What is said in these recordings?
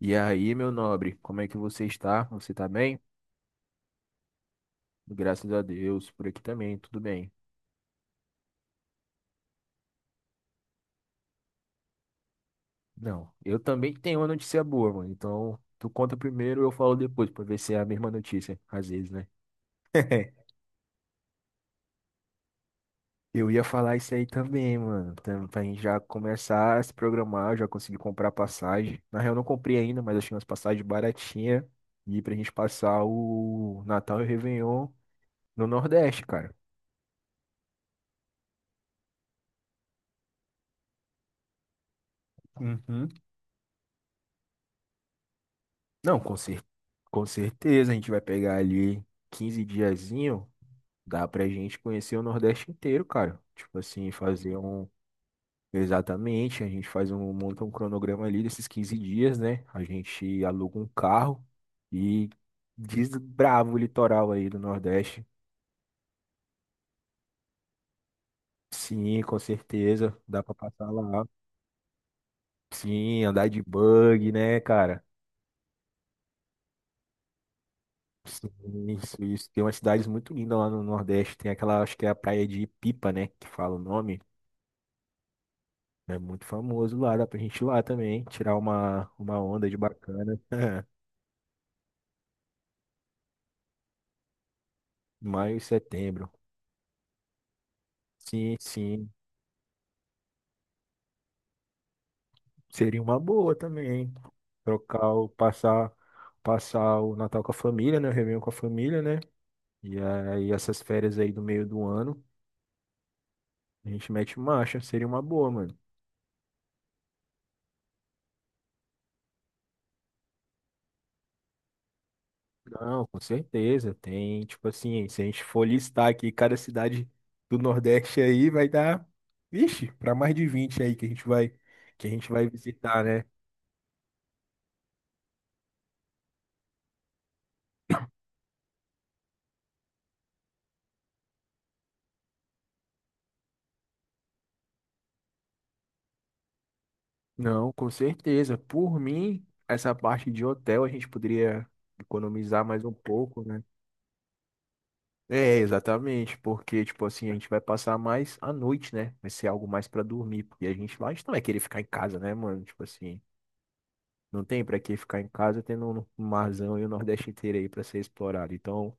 E aí, meu nobre, como é que você está? Você tá bem? Graças a Deus, por aqui também, tudo bem. Não, eu também tenho uma notícia boa, mano. Então, tu conta primeiro, eu falo depois, pra ver se é a mesma notícia, às vezes, né? Eu ia falar isso aí também, mano. Pra gente já começar a se programar, eu já consegui comprar passagem. Na real, eu não comprei ainda, mas achei umas passagens baratinhas. E pra gente passar o Natal e o Réveillon no Nordeste, cara. Uhum. Não, com cer- Com certeza a gente vai pegar ali 15 diazinho, dá pra gente conhecer o Nordeste inteiro, cara. Tipo assim, fazer um. Exatamente, a gente faz um, monta um cronograma ali desses 15 dias, né? A gente aluga um carro e desbrava o litoral aí do Nordeste. Sim, com certeza, dá pra passar lá. Sim, andar de bug, né, cara? Sim, isso, isso. Tem umas cidades muito lindas lá no Nordeste. Tem aquela, acho que é a praia de Pipa, né? Que fala o nome. É muito famoso lá, dá pra gente ir lá também, tirar uma onda de bacana. Maio e setembro. Sim, sim. Seria uma boa também, hein? Trocar o, passar, passar o Natal com a família, né? O Réveillon com a família, né? E aí essas férias aí do meio do ano, a gente mete marcha, seria uma boa, mano. Não, com certeza. Tem, tipo assim, se a gente for listar aqui cada cidade do Nordeste aí, vai dar, vixe, pra mais de 20 aí que a gente vai, que a gente vai visitar, né? Não, com certeza. Por mim, essa parte de hotel a gente poderia economizar mais um pouco, né? É, exatamente, porque, tipo assim, a gente vai passar mais a noite, né? Vai ser algo mais pra dormir, porque a gente lá, a gente não vai querer ficar em casa, né, mano? Tipo assim. Não tem pra que ficar em casa tendo um marzão e o Nordeste inteiro aí pra ser explorado. Então,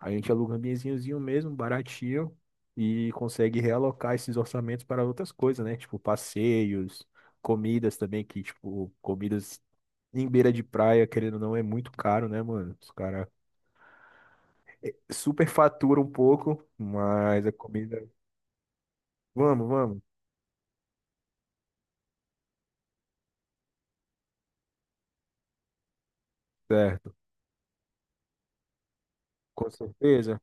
a gente aluga um ambientezinhozinho mesmo, baratinho, e consegue realocar esses orçamentos para outras coisas, né? Tipo passeios, comidas também, que, tipo, comidas em beira de praia, querendo ou não, é muito caro, né, mano? Os caras super faturam um pouco, mas a comida. Vamos, vamos. Certo. Com certeza.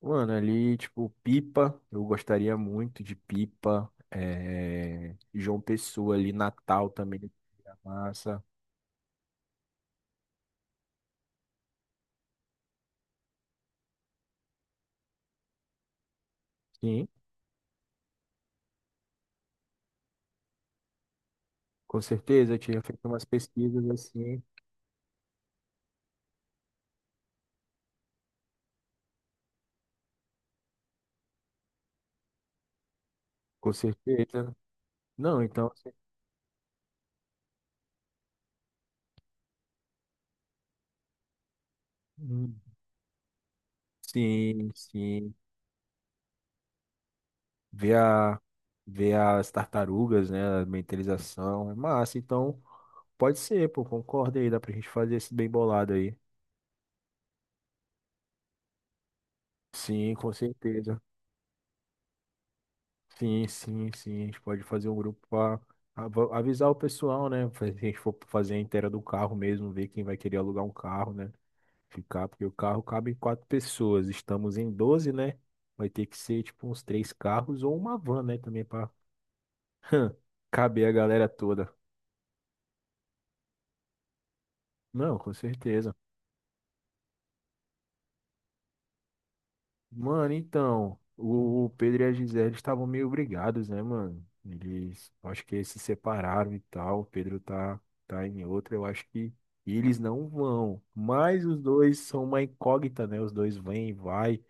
Mano, ali, tipo, Pipa, eu gostaria muito de Pipa. João Pessoa ali, Natal também, seria massa. Sim, com certeza, eu tinha feito umas pesquisas assim, com certeza. Não, então, assim, hum, sim, sim. Ver a, ver as tartarugas, né, a mentalização, é massa. Então, pode ser, pô, concordo aí, dá pra gente fazer esse bem bolado aí. Sim, com certeza. Sim, sim, sim. A gente pode fazer um grupo para avisar o pessoal, né? Se a gente for fazer a inteira do carro mesmo, ver quem vai querer alugar um carro, né? Ficar, porque o carro cabe em 4 pessoas. Estamos em 12, né? Vai ter que ser tipo uns 3 carros ou uma van, né? Também para caber a galera toda. Não, com certeza. Mano, então, o Pedro e a Gisele estavam meio brigados, né, mano? Eles, acho que eles se separaram e tal. Tá em outra, eu acho que eles não vão. Mas os dois são uma incógnita, né? Os dois vêm e vai,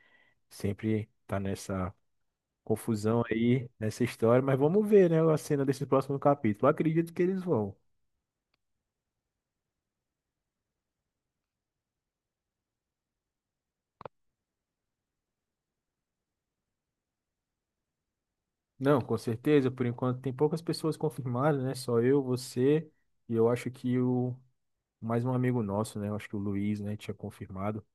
sempre tá nessa confusão aí, nessa história. Mas vamos ver, né, a cena desse próximo capítulo. Eu acredito que eles vão. Não, com certeza, por enquanto tem poucas pessoas confirmadas, né? Só eu, você. E eu acho que o Mais um amigo nosso, né? Acho que o Luiz, né, tinha confirmado.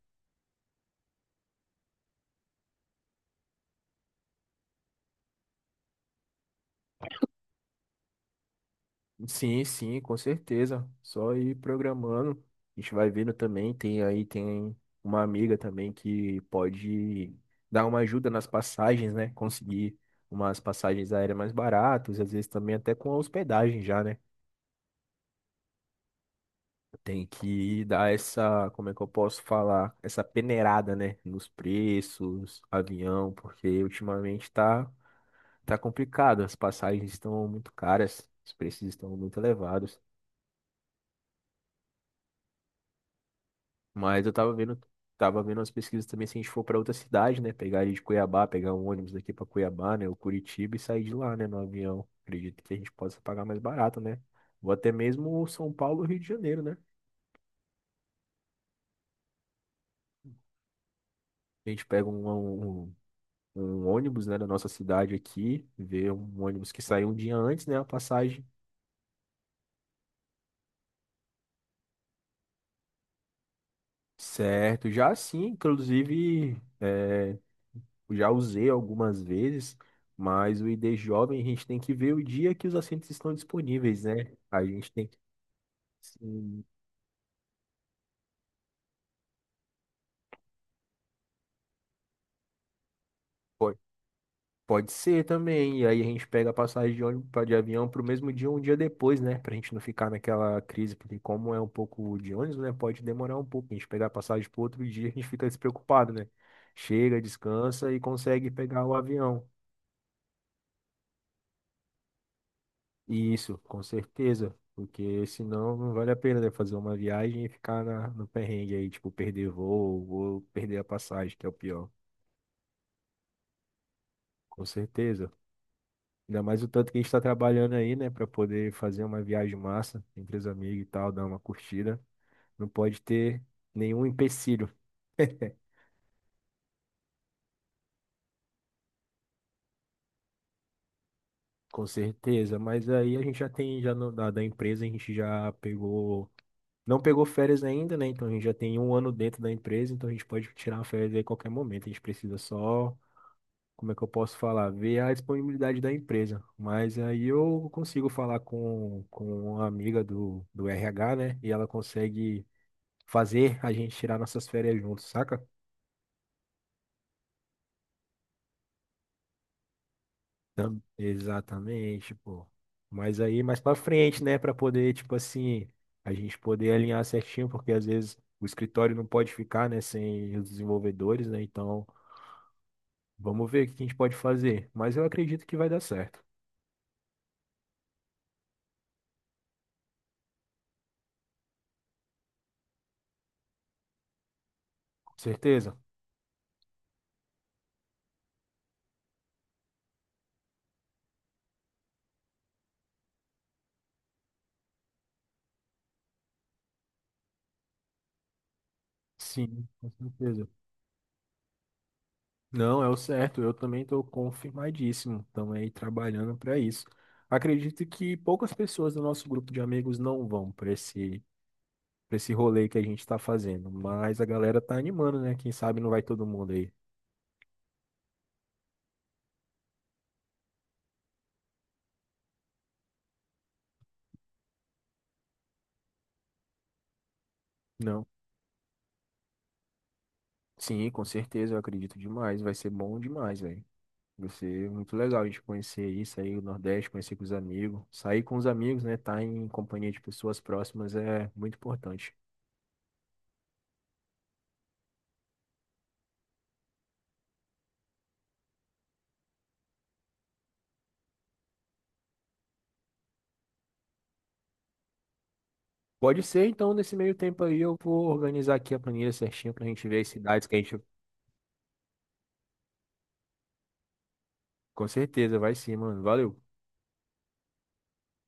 Sim, sim, com certeza. Só ir programando. A gente vai vendo também. Tem uma amiga também que pode dar uma ajuda nas passagens, né? Conseguir umas passagens aéreas mais baratas, às vezes também até com a hospedagem já, né? Tem que dar essa, como é que eu posso falar? Essa peneirada, né? Nos preços, avião, porque ultimamente tá Tá complicado, as passagens estão muito caras, os preços estão muito elevados. Mas eu tava vendo, tava vendo as pesquisas também se a gente for para outra cidade, né? Pegar ali de Cuiabá, pegar um ônibus daqui para Cuiabá, né? O Curitiba e sair de lá, né? No avião. Acredito que a gente possa pagar mais barato, né? Ou até mesmo São Paulo, Rio de Janeiro, né? A gente pega um um ônibus, né, da nossa cidade aqui, vê um ônibus que saiu um dia antes, né? A passagem. Certo, já sim, inclusive. É, já usei algumas vezes, mas o ID Jovem a gente tem que ver o dia que os assentos estão disponíveis, né? A gente tem que. Sim, pode, pode ser também. E aí a gente pega a passagem de ônibus de avião para o mesmo dia ou um dia depois, né? Para a gente não ficar naquela crise, porque como é um pouco de ônibus, né? Pode demorar um pouco. A gente pegar a passagem para outro dia, a gente fica despreocupado, né? Chega, descansa e consegue pegar o avião. Isso, com certeza. Porque senão não vale a pena, né, fazer uma viagem e ficar na, no perrengue aí, tipo, perder voo ou perder a passagem, que é o pior. Com certeza. Ainda mais o tanto que a gente está trabalhando aí, né, para poder fazer uma viagem massa entre os amigos e tal, dar uma curtida. Não pode ter nenhum empecilho. Com certeza, mas aí a gente já tem, já no, da, da empresa, a gente já pegou Não pegou férias ainda, né? Então a gente já tem 1 ano dentro da empresa, então a gente pode tirar uma férias aí a qualquer momento. A gente precisa só, como é que eu posso falar? Ver a disponibilidade da empresa. Mas aí eu consigo falar com uma amiga do RH, né? E ela consegue fazer a gente tirar nossas férias juntos, saca? Exatamente, pô. Mas aí mais pra frente, né? Pra poder, tipo assim, a gente poder alinhar certinho, porque às vezes o escritório não pode ficar, né? Sem os desenvolvedores, né? Então. Vamos ver o que a gente pode fazer, mas eu acredito que vai dar certo. Com certeza? Sim, com certeza. Não, é o certo. Eu também estou confirmadíssimo. Estamos aí trabalhando para isso. Acredito que poucas pessoas do nosso grupo de amigos não vão para para esse rolê que a gente está fazendo, mas a galera tá animando, né? Quem sabe não vai todo mundo aí. Não. Sim, com certeza, eu acredito demais. Vai ser bom demais, velho. Você, muito legal a gente conhecer isso aí, o Nordeste, conhecer com os amigos. Sair com os amigos, né? Estar em companhia de pessoas próximas é muito importante. Pode ser, então, nesse meio tempo aí, eu vou organizar aqui a planilha certinha pra gente ver as cidades que a gente. Com certeza, vai sim, mano. Valeu.